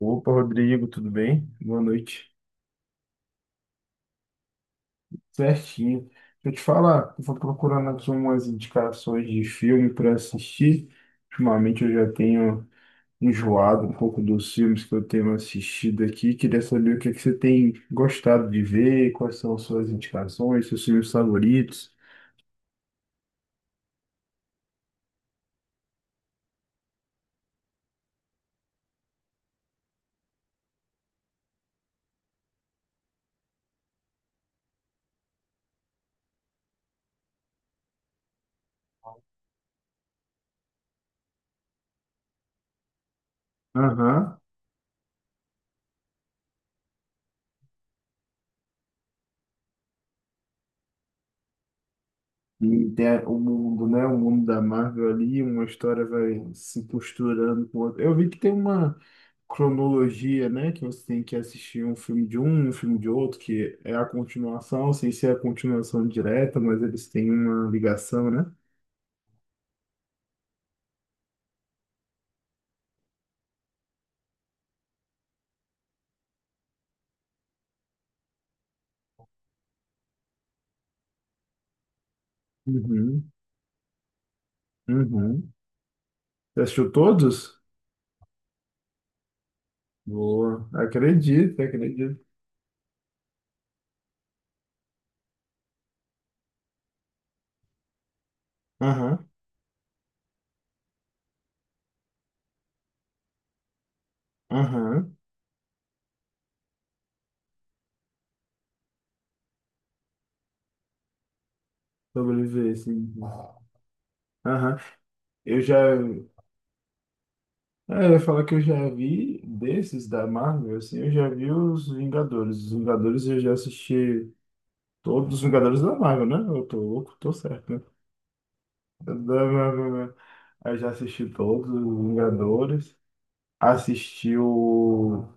Opa, Rodrigo, tudo bem? Boa noite. Certinho. Deixa eu te falar, eu vou procurando aqui umas indicações de filme para assistir. Ultimamente eu já tenho enjoado um pouco dos filmes que eu tenho assistido aqui. Queria saber o que é que você tem gostado de ver, quais são suas indicações, seus filmes favoritos. Aham. E tem o mundo, né? O mundo da Marvel ali, uma história vai se costurando com outra. Eu vi que tem uma cronologia, né? Que você tem que assistir um filme de um, um filme de outro, que é a continuação, sem ser a continuação direta, mas eles têm uma ligação, né? Uhum, uhum. Você assistiu todos? Boa. Acredito, acredito. Aham, aham. Sobreviver, sim. Aham. Eu já. É, eu ia falar que eu já vi desses da Marvel, assim, eu já vi os Vingadores. Os Vingadores eu já assisti todos os Vingadores da Marvel, né? Eu tô louco, tô certo, né? Da Marvel, né? Eu já assisti todos os Vingadores, assistiu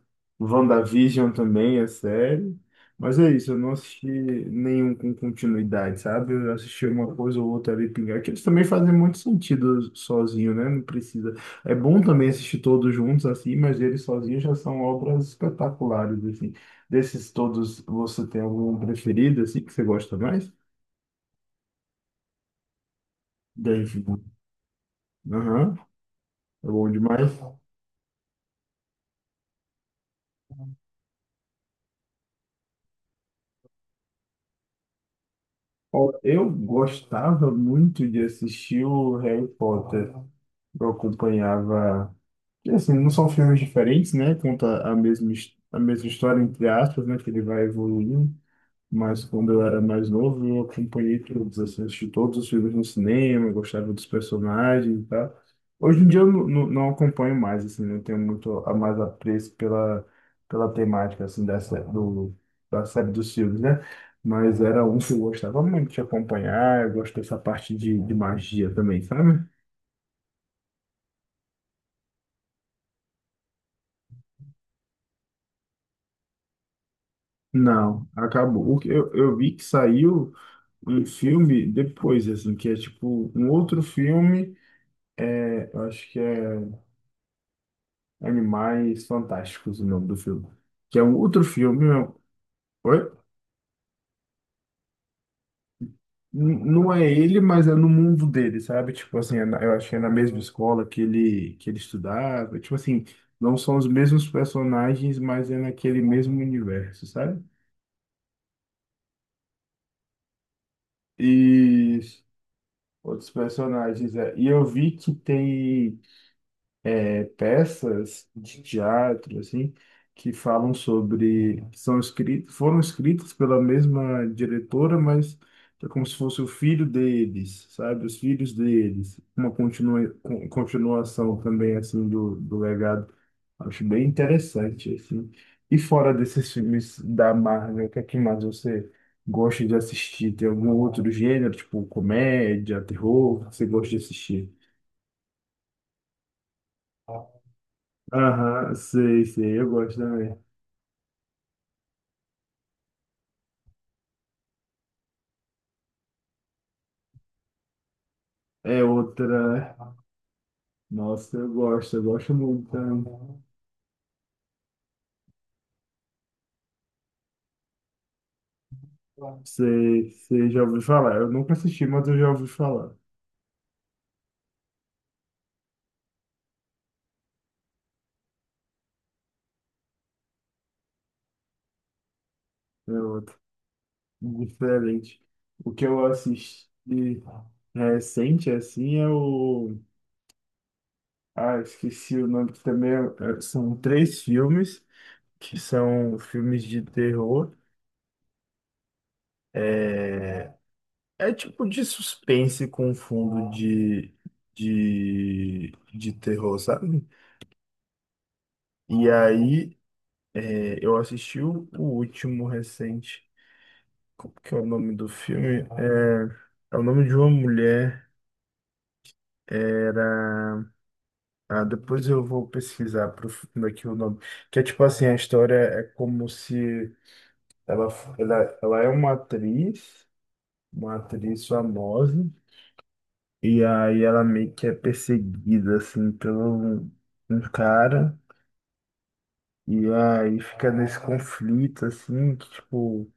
WandaVision também, a série. Mas é isso, eu não assisti nenhum com continuidade, sabe? Eu assisti uma coisa ou outra ali pingar, que eles também fazem muito sentido sozinho, né? Não precisa. É bom também assistir todos juntos assim, mas eles sozinhos já são obras espetaculares, assim. Desses todos, você tem algum preferido, assim, que você gosta mais? Dave. Aham, é bom demais. Ó, eu gostava muito de assistir o Harry Potter. Eu acompanhava. E, assim, não são filmes diferentes, né? Conta a mesma, a mesma história, entre aspas, né? Que ele vai evoluindo. Mas quando eu era mais novo, eu acompanhei todos, assim, assisti todos os filmes no cinema, gostava dos personagens e tal. Hoje em dia eu não acompanho mais, assim, não tenho muito a mais apreço pela temática, assim, da série dos filmes, né? Mas era um que eu gostava muito de acompanhar, eu gosto dessa parte de magia também, sabe? Não, acabou. O que eu vi que saiu um filme depois, assim, que é tipo um outro filme, eu acho que é Animais Fantásticos o nome do filme. Que é um outro filme, meu. Oi? Não é ele, mas é no mundo dele, sabe? Tipo assim, é eu acho que é na mesma escola que ele estudava. Tipo assim, não são os mesmos personagens, mas é naquele mesmo universo, sabe? E outros personagens. É. E eu vi que tem peças de teatro, assim, que falam sobre, que são escritas, foram escritas pela mesma diretora, mas é como se fosse o filho deles, sabe? Os filhos deles. Uma continuação também, assim, do legado. Acho bem interessante, assim. E fora desses filmes da Marvel, o que é que mais você gosta de assistir? Tem algum outro gênero, tipo comédia, terror, que você gosta de assistir? Aham, sei, sei, eu gosto também. É outra. Nossa, eu gosto muito também. Sei, sei, já ouvi falar. Eu nunca assisti, mas eu já ouvi falar. É outra. Diferente. O que eu assisti recente, assim, é o. Ah, esqueci o nome, que também são três filmes, que são filmes de terror. é É tipo de suspense com fundo de terror, sabe? E aí eu assisti o último recente. Como que é o nome do filme? É o nome de uma mulher. Ah, depois eu vou pesquisar pro fundo aqui o nome. Que é tipo assim, a história é como se ela, ela é uma atriz famosa, e aí ela meio que é perseguida assim pelo um cara. E aí fica nesse conflito, assim, que, tipo,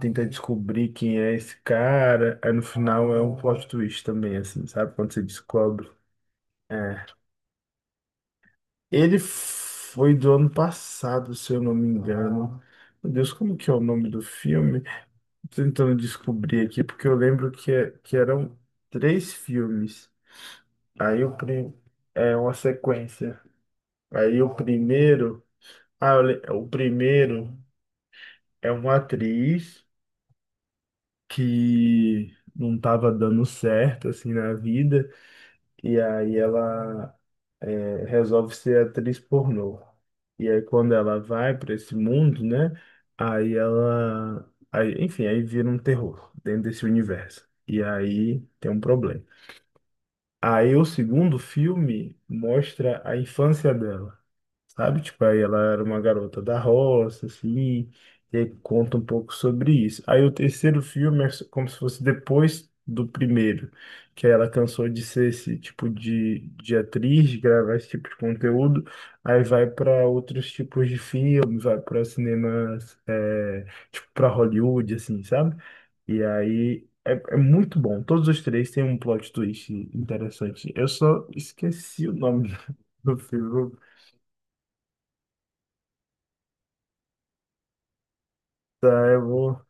tenta descobrir quem é esse cara. Aí no final é um plot twist também, assim, sabe? Quando você descobre. É. Ele foi do ano passado, se eu não me engano. Meu Deus, como que é o nome do filme? Tô tentando descobrir aqui, porque eu lembro que, que eram três filmes. Aí é uma sequência. Aí o primeiro. Ah, o primeiro é uma atriz que não estava dando certo assim na vida, e aí ela resolve ser atriz pornô. E aí quando ela vai para esse mundo, né? Aí ela, aí, enfim, aí vira um terror dentro desse universo, e aí tem um problema. Aí o segundo filme mostra a infância dela, sabe? Tipo, aí ela era uma garota da roça, assim, e aí conta um pouco sobre isso. Aí o terceiro filme é como se fosse depois do primeiro, que aí ela cansou de ser esse tipo de atriz, de gravar esse tipo de conteúdo, aí vai para outros tipos de filme, vai para cinemas, tipo, para Hollywood, assim, sabe? E aí. É muito bom. Todos os três têm um plot twist interessante. Eu só esqueci o nome do filme. Tá, eu vou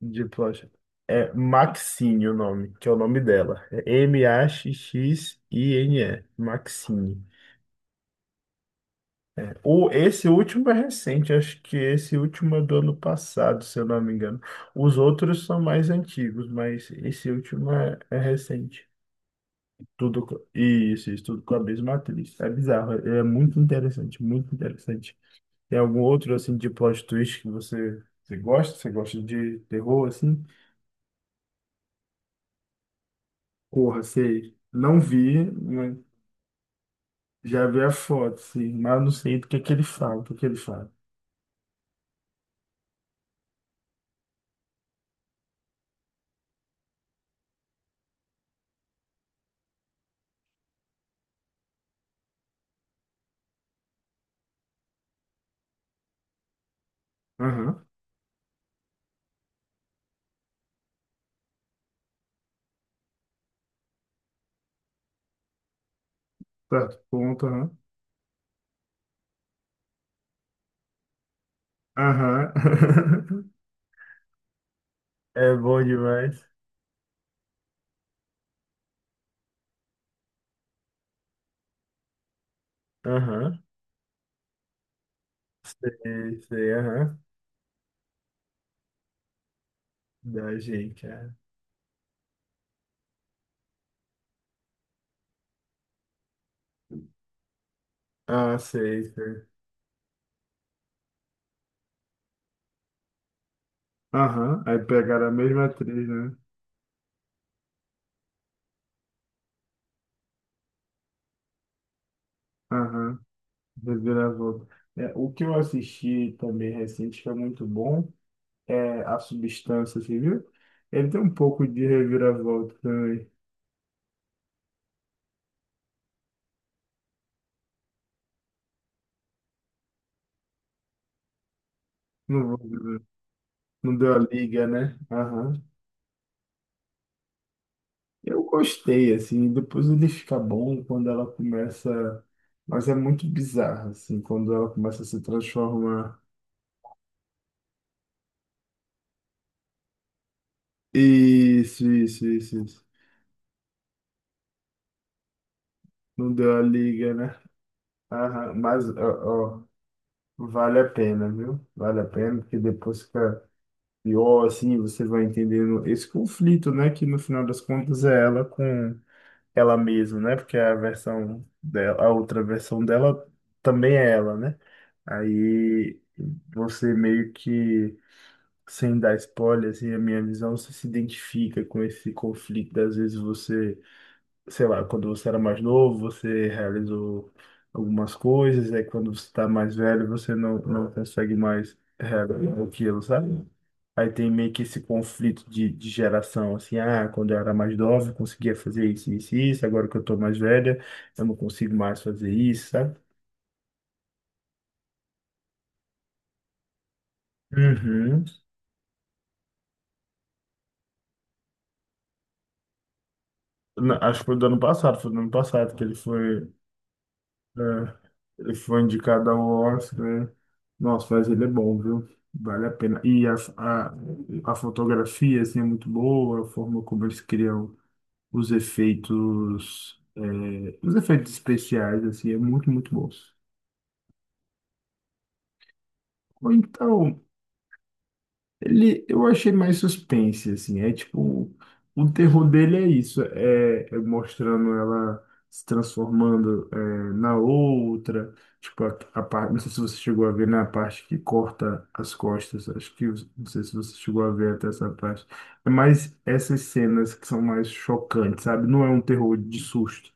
de plástico. É Maxine o nome, que é o nome dela. É Maxxine. Maxine. O, esse último é recente, acho que esse último é do ano passado, se eu não me engano. Os outros são mais antigos, mas esse último é recente. Tudo, isso, isso, tudo com a mesma atriz. É bizarro, é muito interessante, muito interessante. Tem algum outro, assim, de plot twist que você gosta? Você gosta de terror, assim? Porra, sei. Não vi, né? Já vi a foto, sim, mas não sei do que ele fala, do que ele fala. Aham, certo, ponto, aham. Aham. É bom demais. Aham. Sei, sei, aham. Da gente, cara. Ah, sei, sei. Aham, aí pegaram a mesma atriz, né? Aham, reviravolta. É, o que eu assisti também recente, que é muito bom, é A Substância, você viu? Ele tem um pouco de reviravolta também. Não vou, não deu a liga, né? Aham. Eu gostei, assim, depois ele fica bom quando ela começa. Mas é muito bizarro, assim, quando ela começa a se transformar. Isso, isso, isso, isso. Não deu a liga, né? Aham, mas, ó, ó, vale a pena, viu? Vale a pena, porque depois fica pior, assim, você vai entendendo esse conflito, né? Que no final das contas é ela com ela mesma, né? Porque a versão dela, a outra versão dela também é ela, né? Aí você meio que, sem dar spoiler, assim, a minha visão, você se identifica com esse conflito. Às vezes você, sei lá, quando você era mais novo, você realizou algumas coisas, aí quando você está mais velho, você não consegue mais realizar aquilo, sabe? Aí tem meio que esse conflito de geração, assim, ah, quando eu era mais nova, eu conseguia fazer isso, isso, isso, agora que eu tô mais velha, eu não consigo mais fazer isso, sabe? Uhum. Acho que foi do ano passado, foi do ano passado que ele foi, é, ele foi indicado ao Oscar, né? Nossa, mas ele é bom, viu? Vale a pena. E a, fotografia, assim, é muito boa, a forma como eles criam os efeitos, os efeitos especiais, assim, é muito, muito bom. Ou então, ele, eu achei mais suspense, assim, é tipo, o terror dele é isso, é mostrando ela se transformando na outra, tipo, a parte, não sei se você chegou a ver, na parte que corta as costas, acho que, não sei se você chegou a ver até essa parte, é mais essas cenas que são mais chocantes, sabe? Não é um terror de susto,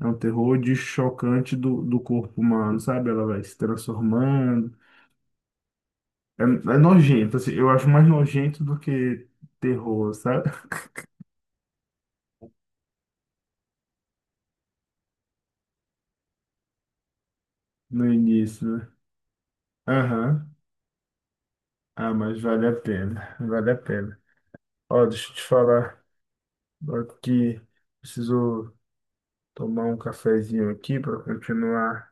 é um terror de chocante do, do corpo humano, sabe? Ela vai se transformando, é nojento, assim, eu acho mais nojento do que terror, sabe? No início, né? Aham. Ah, mas vale a pena, vale a pena. Ó, deixa eu te falar, ó, que preciso tomar um cafezinho aqui para continuar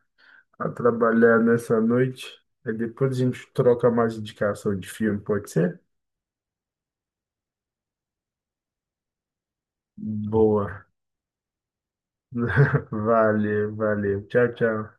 a trabalhar nessa noite. Aí depois a gente troca mais indicação de filme, pode ser? Boa. Valeu, valeu. Tchau, tchau.